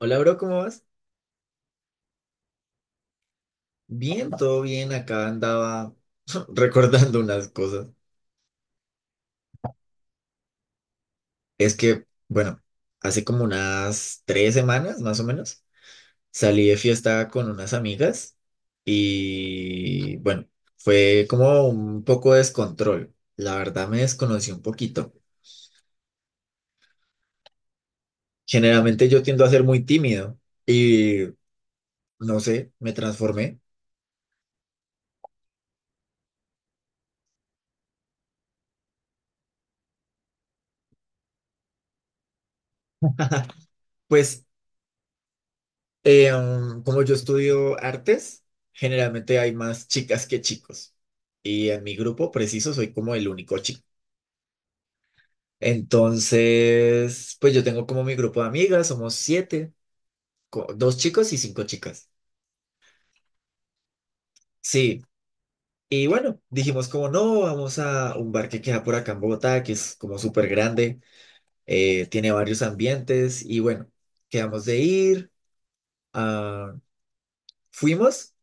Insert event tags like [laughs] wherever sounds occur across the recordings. Hola, bro, ¿cómo vas? Bien, todo bien. Acá andaba [laughs] recordando unas cosas. Es que, bueno, hace como unas tres semanas, más o menos, salí de fiesta con unas amigas y, bueno, fue como un poco de descontrol. La verdad me desconocí un poquito. Generalmente yo tiendo a ser muy tímido y, no sé, me transformé. Pues como yo estudio artes, generalmente hay más chicas que chicos. Y en mi grupo preciso soy como el único chico. Entonces, pues yo tengo como mi grupo de amigas, somos siete, dos chicos y cinco chicas. Sí, y bueno, dijimos como no, vamos a un bar que queda por acá en Bogotá, que es como súper grande, tiene varios ambientes y bueno, quedamos de ir, ah, fuimos.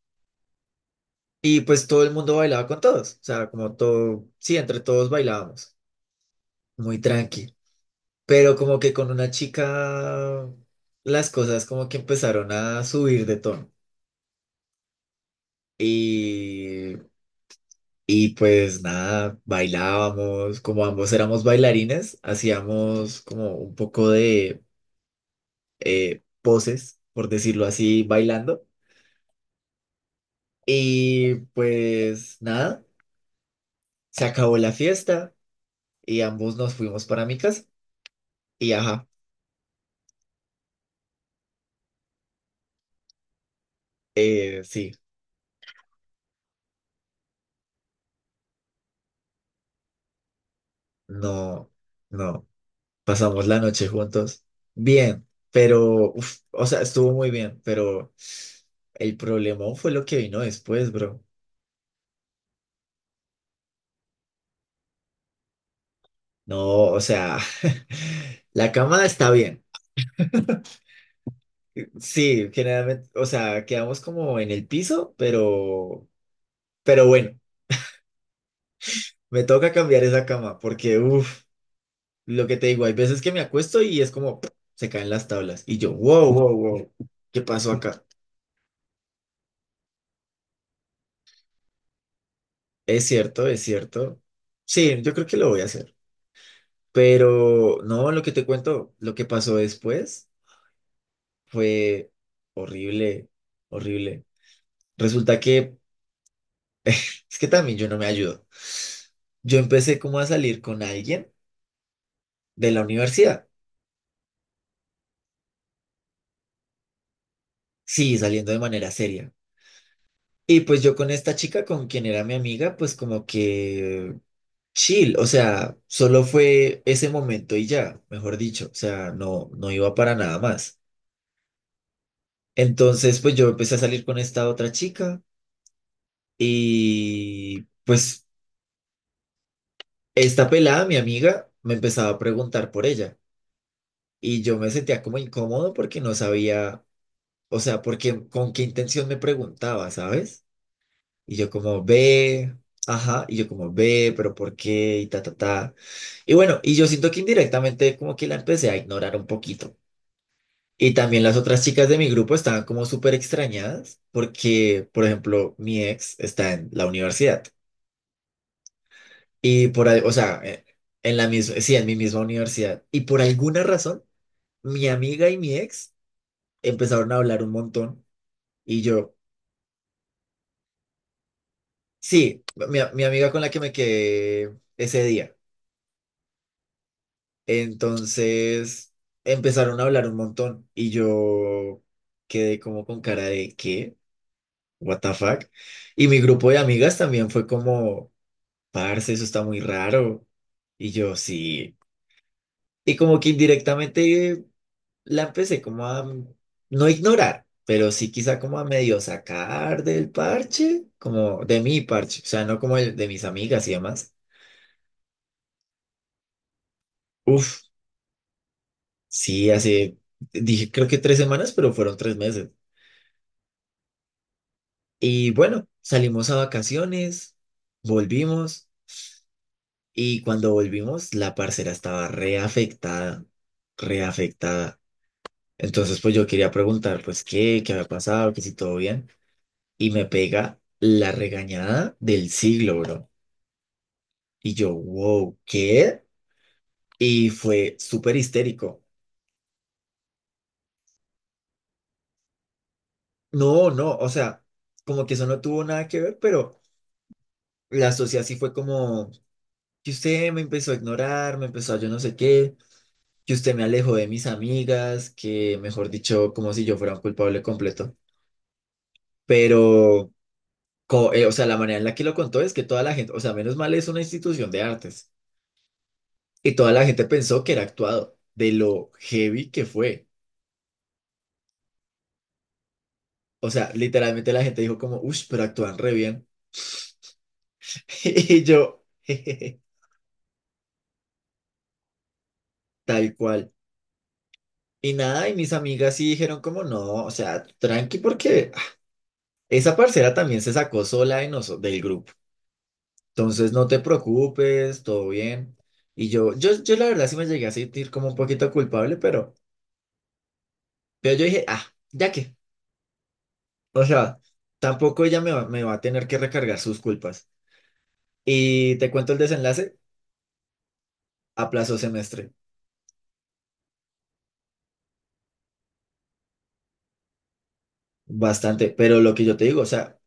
Y pues todo el mundo bailaba con todos, o sea, como todo, sí, entre todos bailábamos, muy tranqui, pero como que con una chica las cosas como que empezaron a subir de tono y, y pues nada, bailábamos, como ambos éramos bailarines, hacíamos como un poco de poses, por decirlo así, bailando y pues nada, se acabó la fiesta y ambos nos fuimos para mi casa. Y ajá, sí, no, no. Pasamos la noche juntos. Bien, pero, uf, o sea, estuvo muy bien, pero el problema fue lo que vino después, bro. No, o sea, [laughs] la cama está bien. Sí, generalmente, o sea, quedamos como en el piso, pero bueno, me toca cambiar esa cama porque, uff, lo que te digo, hay veces que me acuesto y es como, [smacks lips] se caen las tablas y yo, wow, wow, wow, ¿qué pasó acá? Es cierto, es cierto. Sí, yo creo que lo voy a hacer. Pero no, lo que te cuento, lo que pasó después fue horrible, horrible. Resulta que es que también yo no me ayudo. Yo empecé como a salir con alguien de la universidad. Sí, saliendo de manera seria. Y pues yo con esta chica, con quien era mi amiga, pues como que chill, o sea, solo fue ese momento y ya, mejor dicho, o sea, no, no iba para nada más. Entonces, pues yo empecé a salir con esta otra chica y pues esta pelada, mi amiga, me empezaba a preguntar por ella y yo me sentía como incómodo porque no sabía, o sea, porque con qué intención me preguntaba, ¿sabes? Y yo como ve, ajá, y yo como ve, pero ¿por qué? Y ta, ta, ta. Y bueno, y yo siento que indirectamente como que la empecé a ignorar un poquito. Y también las otras chicas de mi grupo estaban como súper extrañadas porque, por ejemplo, mi ex está en la universidad. O sea, en la misma, sí, en mi misma universidad. Y por alguna razón, mi amiga y mi ex empezaron a hablar un montón. Y yo, sí, mi amiga con la que me quedé ese día. Entonces, empezaron a hablar un montón. Y yo quedé como con cara de, ¿qué? What the fuck? Y mi grupo de amigas también fue como, parce, eso está muy raro. Y yo, sí. Y como que indirectamente la empecé como a no ignorar, pero sí quizá como a medio sacar del parche, como de mi parche, o sea, no como el de mis amigas y demás. Uf, sí, hace, dije creo que tres semanas, pero fueron tres meses. Y bueno, salimos a vacaciones, volvimos y cuando volvimos la parcera estaba reafectada, reafectada. Entonces pues yo quería preguntar pues qué, qué había pasado, que si todo bien y me pega la regañada del siglo, bro. Y yo, wow, ¿qué? Y fue súper histérico. No, no, o sea, como que eso no tuvo nada que ver, pero la sociedad sí fue como que usted me empezó a ignorar, me empezó a yo no sé qué, que usted me alejó de mis amigas, que mejor dicho, como si yo fuera un culpable completo. Pero, o sea, la manera en la que lo contó es que toda la gente, o sea, menos mal es una institución de artes, y toda la gente pensó que era actuado, de lo heavy que fue. O sea, literalmente la gente dijo como, uff, pero actúan re bien. [laughs] Y yo, [laughs] tal cual. Y nada, y mis amigas sí dijeron como no, o sea, tranqui porque ah, esa parcera también se sacó sola de noso- del grupo. Entonces no te preocupes, todo bien. Y yo, yo la verdad sí me llegué a sentir como un poquito culpable, pero yo dije, ah, ya que, o sea, tampoco ella me va a tener que recargar sus culpas. Y te cuento el desenlace, aplazó semestre, bastante, pero lo que yo te digo, o sea,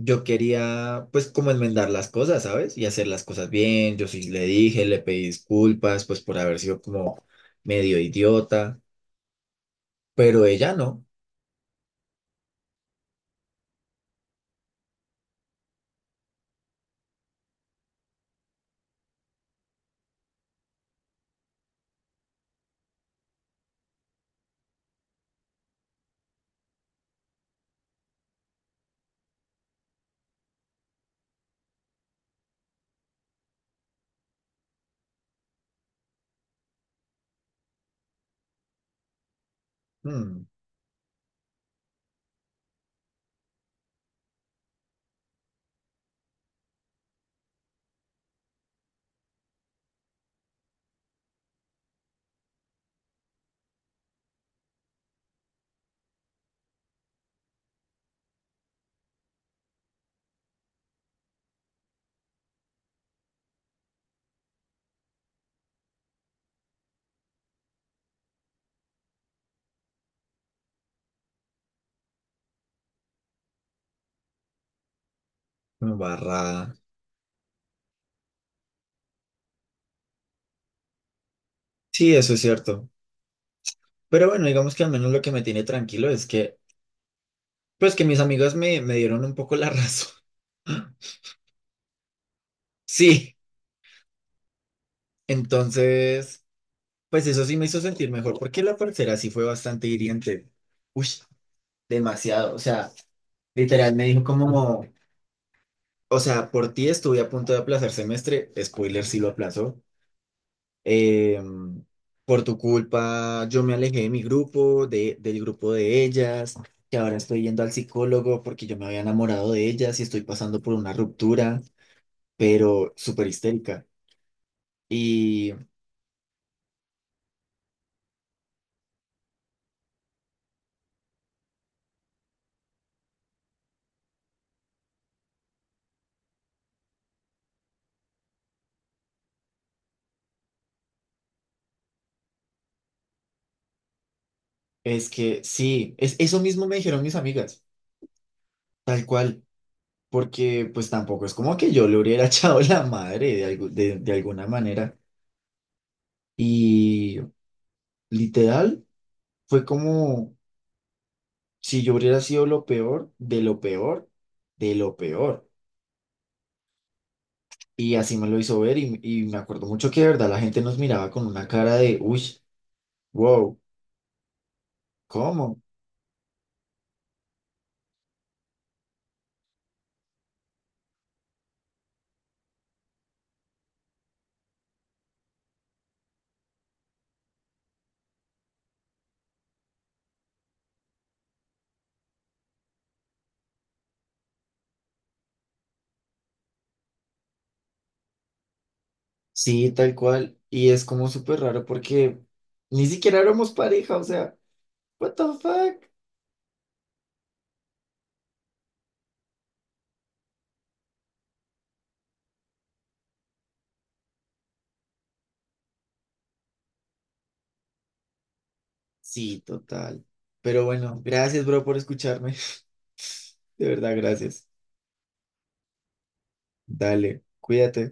yo quería, pues, como enmendar las cosas, ¿sabes? Y hacer las cosas bien. Yo sí le dije, le pedí disculpas, pues, por haber sido como medio idiota, pero ella no. Mm, barrada. Sí, eso es cierto. Pero bueno, digamos que al menos lo que me tiene tranquilo es que, pues, que mis amigos me dieron un poco la razón. [laughs] Sí, entonces, pues eso sí me hizo sentir mejor, porque la parcera sí fue bastante hiriente. Uy, demasiado. O sea, literal me dijo como, o sea, por ti estuve a punto de aplazar semestre, spoiler sí lo aplazó. Eh, por tu culpa yo me alejé de mi grupo, del grupo de ellas, que ahora estoy yendo al psicólogo porque yo me había enamorado de ellas y estoy pasando por una ruptura, pero súper histérica. Y es que sí, es, eso mismo me dijeron mis amigas, tal cual, porque pues tampoco es como que yo le hubiera [laughs] echado la madre de alguna manera. Y literal fue como... Si yo hubiera sido lo peor, de lo peor, de lo peor. Y así me lo hizo ver y me acuerdo mucho que de verdad la gente nos miraba con una cara de, uy, wow, ¿cómo? Sí, tal cual. Y es como súper raro porque ni siquiera éramos pareja, o sea, what the fuck. Sí, total. Pero bueno, gracias, bro, por escucharme. [laughs] De verdad, gracias. Dale, cuídate.